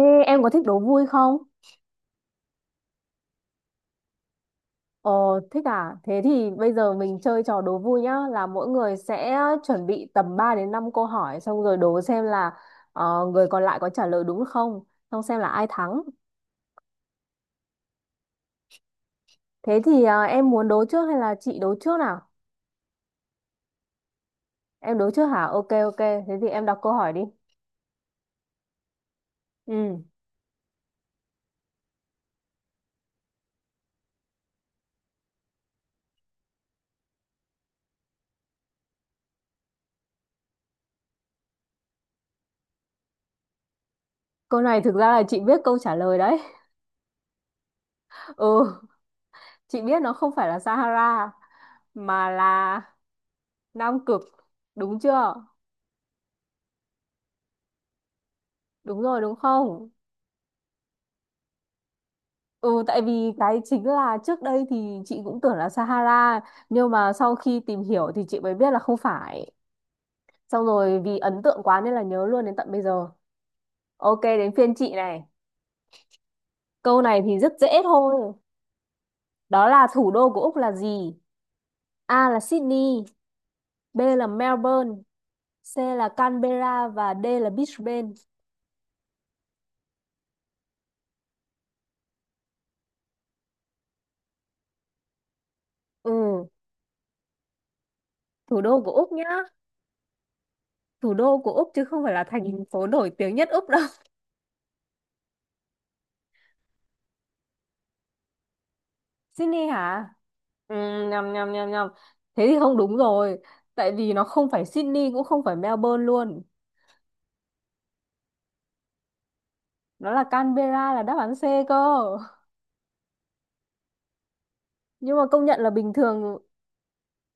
Ê, em có thích đố vui không? Ờ, Thích à? Thế thì bây giờ mình chơi trò đố vui nhá, là mỗi người sẽ chuẩn bị tầm 3 đến 5 câu hỏi xong rồi đố xem là người còn lại có trả lời đúng không, xong xem là ai thắng. Thế thì em muốn đố trước hay là chị đố trước nào? Em đố trước hả? Ok, ok, thế thì em đọc câu hỏi đi. Ừ, câu này thực ra là chị biết câu trả lời đấy. Ừ, chị biết nó không phải là Sahara mà là Nam Cực, đúng chưa? Đúng rồi đúng không? Ừ, tại vì cái chính là trước đây thì chị cũng tưởng là Sahara nhưng mà sau khi tìm hiểu thì chị mới biết là không phải. Xong rồi vì ấn tượng quá nên là nhớ luôn đến tận bây giờ. Ok, đến phiên chị này. Câu này thì rất dễ thôi. Đó là thủ đô của Úc là gì? A là Sydney, B là Melbourne, C là Canberra và D là Brisbane. Ừ, thủ đô của Úc nhá. Thủ đô của Úc chứ không phải là thành phố nổi tiếng nhất Úc đâu. Sydney hả? Ừ, nhầm nhầm nhầm nhầm, thế thì không đúng rồi, tại vì nó không phải Sydney cũng không phải Melbourne luôn, nó là Canberra, là đáp án C cơ. Nhưng mà công nhận là bình thường.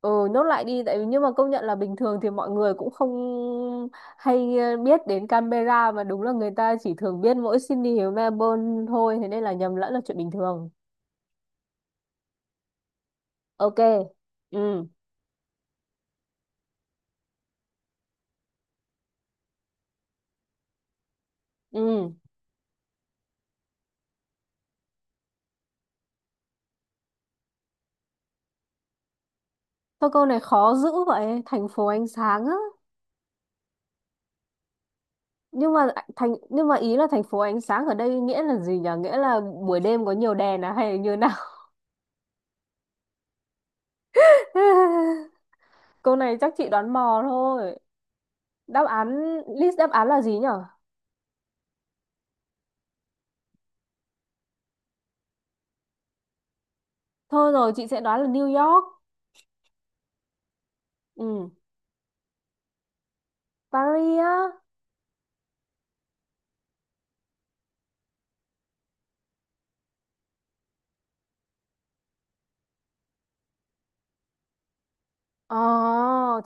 Ừ, nốt lại đi, tại vì nhưng mà công nhận là bình thường thì mọi người cũng không hay biết đến Canberra, mà đúng là người ta chỉ thường biết mỗi Sydney và Melbourne thôi, thế nên là nhầm lẫn là chuyện bình thường. Ok. Ừ. Ừ. Thôi, câu này khó dữ vậy, thành phố ánh sáng á? nhưng mà nhưng mà ý là thành phố ánh sáng ở đây nghĩa là gì nhở, nghĩa là buổi đêm có nhiều đèn à hay là như nào? Câu này chắc chị đoán mò thôi. Đáp án List đáp án là gì nhở? Thôi rồi, chị sẽ đoán là New York. Ừ. Paris á? Ờ,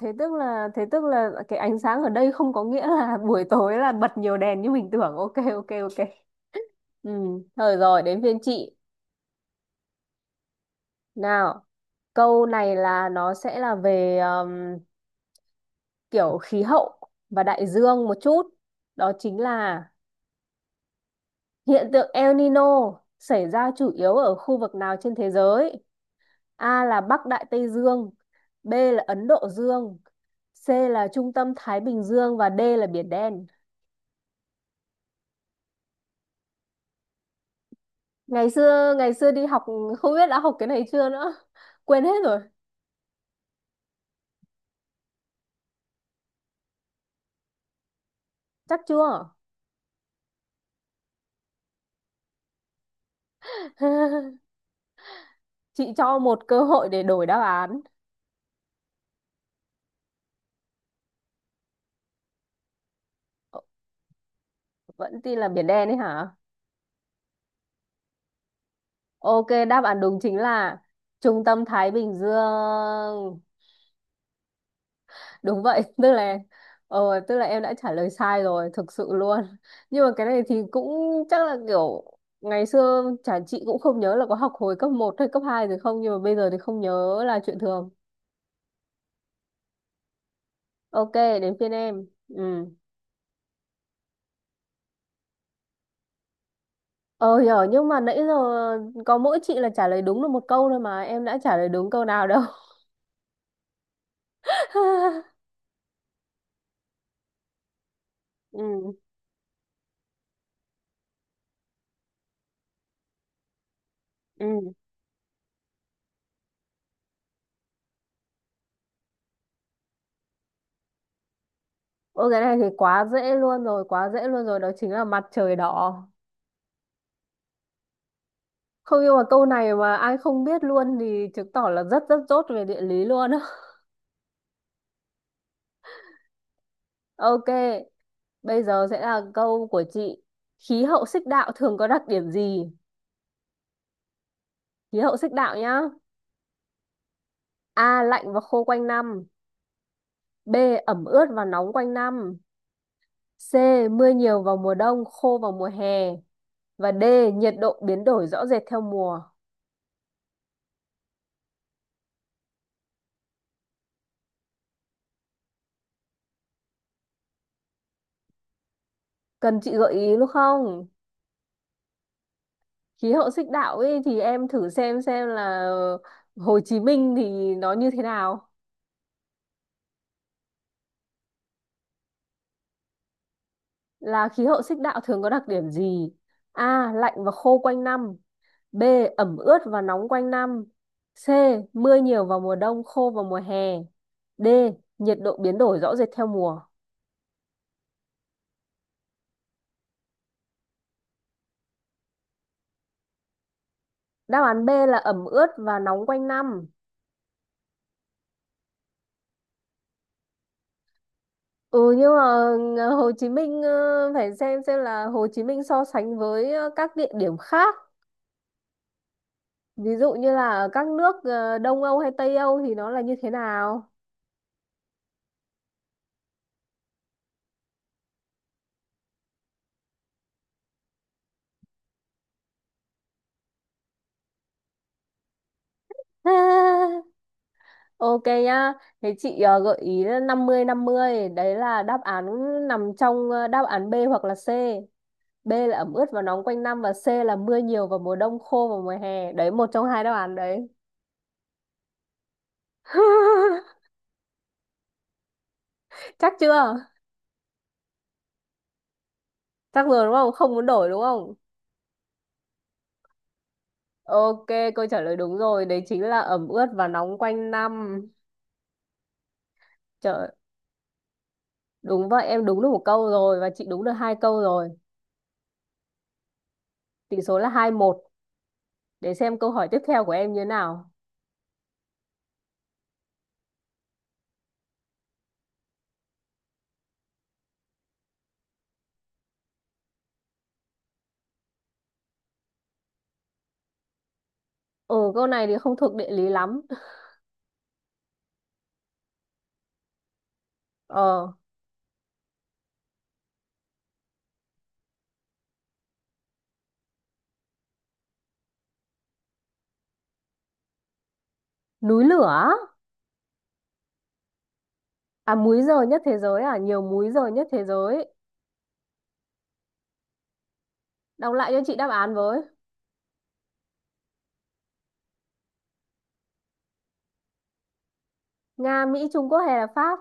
thế tức là cái ánh sáng ở đây không có nghĩa là buổi tối là bật nhiều đèn như mình tưởng. Ok, ok, ok. Ừ. Thôi rồi, đến phiên chị nào. Câu này là nó sẽ là về kiểu khí hậu và đại dương một chút. Đó chính là hiện tượng El Nino xảy ra chủ yếu ở khu vực nào trên thế giới? A là Bắc Đại Tây Dương, B là Ấn Độ Dương, C là trung tâm Thái Bình Dương và D là Biển Đen. Ngày xưa đi học không biết đã học cái này chưa nữa. Quên hết rồi, chắc chưa? Chị cho một cơ hội để đổi đáp án. Vẫn tin là Biển Đen ấy hả? Ok, đáp án đúng chính là Trung tâm Thái Bình Dương. Đúng vậy, tức là tức là em đã trả lời sai rồi, thực sự luôn. Nhưng mà cái này thì cũng chắc là kiểu ngày xưa chả chị cũng không nhớ là có học hồi cấp một hay cấp 2 rồi không, nhưng mà bây giờ thì không nhớ là chuyện thường. Ok, đến phiên em. Ừ. Ờ, hiểu, nhưng mà nãy giờ có mỗi chị là trả lời đúng được một câu thôi mà em đã trả lời đúng câu nào đâu. Ừ. Ừ. Ôi cái này thì quá dễ luôn rồi, quá dễ luôn rồi, đó chính là mặt trời đỏ. Không nhưng mà câu này mà ai không biết luôn thì chứng tỏ là rất rất dốt về địa lý luôn á. Ok, bây giờ sẽ là câu của chị. Khí hậu xích đạo thường có đặc điểm gì? Khí hậu xích đạo nhá. A. Lạnh và khô quanh năm. B. Ẩm ướt và nóng quanh năm. C. Mưa nhiều vào mùa đông, khô vào mùa hè. Và D. Nhiệt độ biến đổi rõ rệt theo mùa. Cần chị gợi ý luôn không? Khí hậu xích đạo ấy thì em thử xem là Hồ Chí Minh thì nó như thế nào. Là khí hậu xích đạo thường có đặc điểm gì? A lạnh và khô quanh năm, B ẩm ướt và nóng quanh năm, C mưa nhiều vào mùa đông khô vào mùa hè, D nhiệt độ biến đổi rõ rệt theo mùa. Đáp án B là ẩm ướt và nóng quanh năm. Ừ, nhưng mà Hồ Chí Minh, phải xem là Hồ Chí Minh so sánh với các địa điểm khác. Ví dụ như là ở các nước Đông Âu hay Tây Âu thì nó là như thế nào? Ok nhá. Thế chị gợi ý là 50-50, đấy là đáp án nằm trong đáp án B hoặc là C. B là ẩm ướt và nóng quanh năm và C là mưa nhiều vào mùa đông khô vào mùa hè. Đấy, một trong hai đáp án đấy. Chắc chưa? Chắc rồi đúng không? Không muốn đổi đúng không? Ok, câu trả lời đúng rồi, đấy chính là ẩm ướt và nóng quanh năm. Trời. Đúng vậy, em đúng được một câu rồi và chị đúng được hai câu rồi. Tỷ số là 2-1, để xem câu hỏi tiếp theo của em như thế nào. Ừ, câu này thì không thuộc địa lý lắm. Ờ, núi lửa á? À, múi giờ nhất thế giới à, nhiều múi giờ nhất thế giới. Đọc lại cho chị đáp án với. Nga, Mỹ, Trung Quốc hay là Pháp?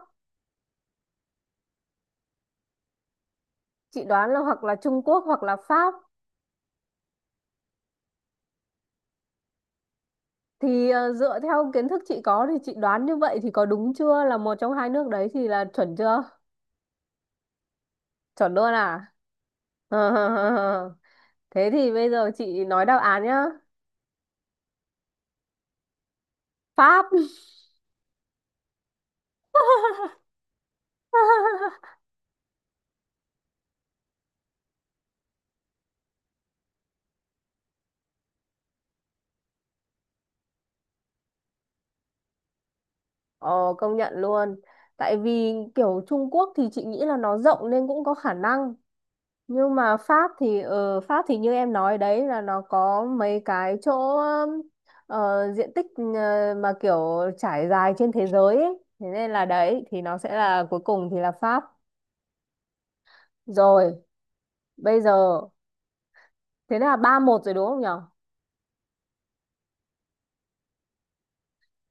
Chị đoán là hoặc là Trung Quốc hoặc là Pháp. Thì dựa theo kiến thức chị có thì chị đoán như vậy thì có đúng chưa? Là một trong hai nước đấy thì là chuẩn chưa? Chuẩn luôn à? Thế thì bây giờ chị nói đáp án nhá. Pháp. Ờ, công nhận luôn. Tại vì kiểu Trung Quốc thì chị nghĩ là nó rộng nên cũng có khả năng. Nhưng mà Pháp thì như em nói đấy là nó có mấy cái chỗ diện tích mà kiểu trải dài trên thế giới ấy. Thế nên là đấy thì nó sẽ là cuối cùng thì là Pháp. Rồi, bây giờ thế là 3-1 rồi đúng không nhở?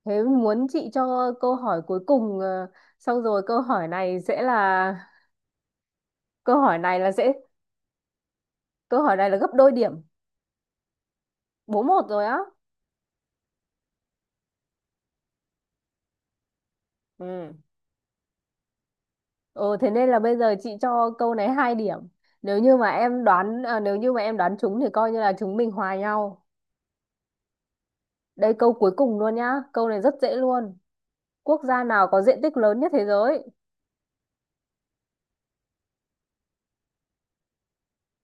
Thế muốn chị cho câu hỏi cuối cùng, xong rồi câu hỏi này là sẽ câu hỏi này là gấp đôi điểm. 4-1 rồi á. Ừ. Ừ, thế nên là bây giờ chị cho câu này 2 điểm. Nếu như mà em đoán, trúng thì coi như là chúng mình hòa nhau. Đây, câu cuối cùng luôn nhá. Câu này rất dễ luôn. Quốc gia nào có diện tích lớn nhất thế giới?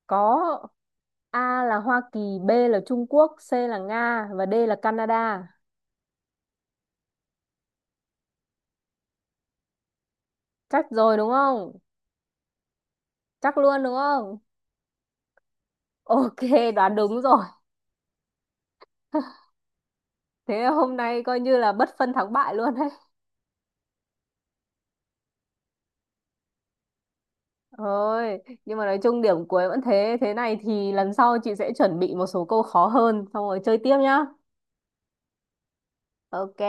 Có. A là Hoa Kỳ, B là Trung Quốc, C là Nga và D là Canada. Chắc rồi đúng không? Chắc luôn đúng không? Ok, đoán đúng rồi. Thế hôm nay coi như là bất phân thắng bại luôn đấy. Thôi, nhưng mà nói chung điểm cuối vẫn thế. Thế này thì lần sau chị sẽ chuẩn bị một số câu khó hơn, xong rồi chơi tiếp nhá. Ok.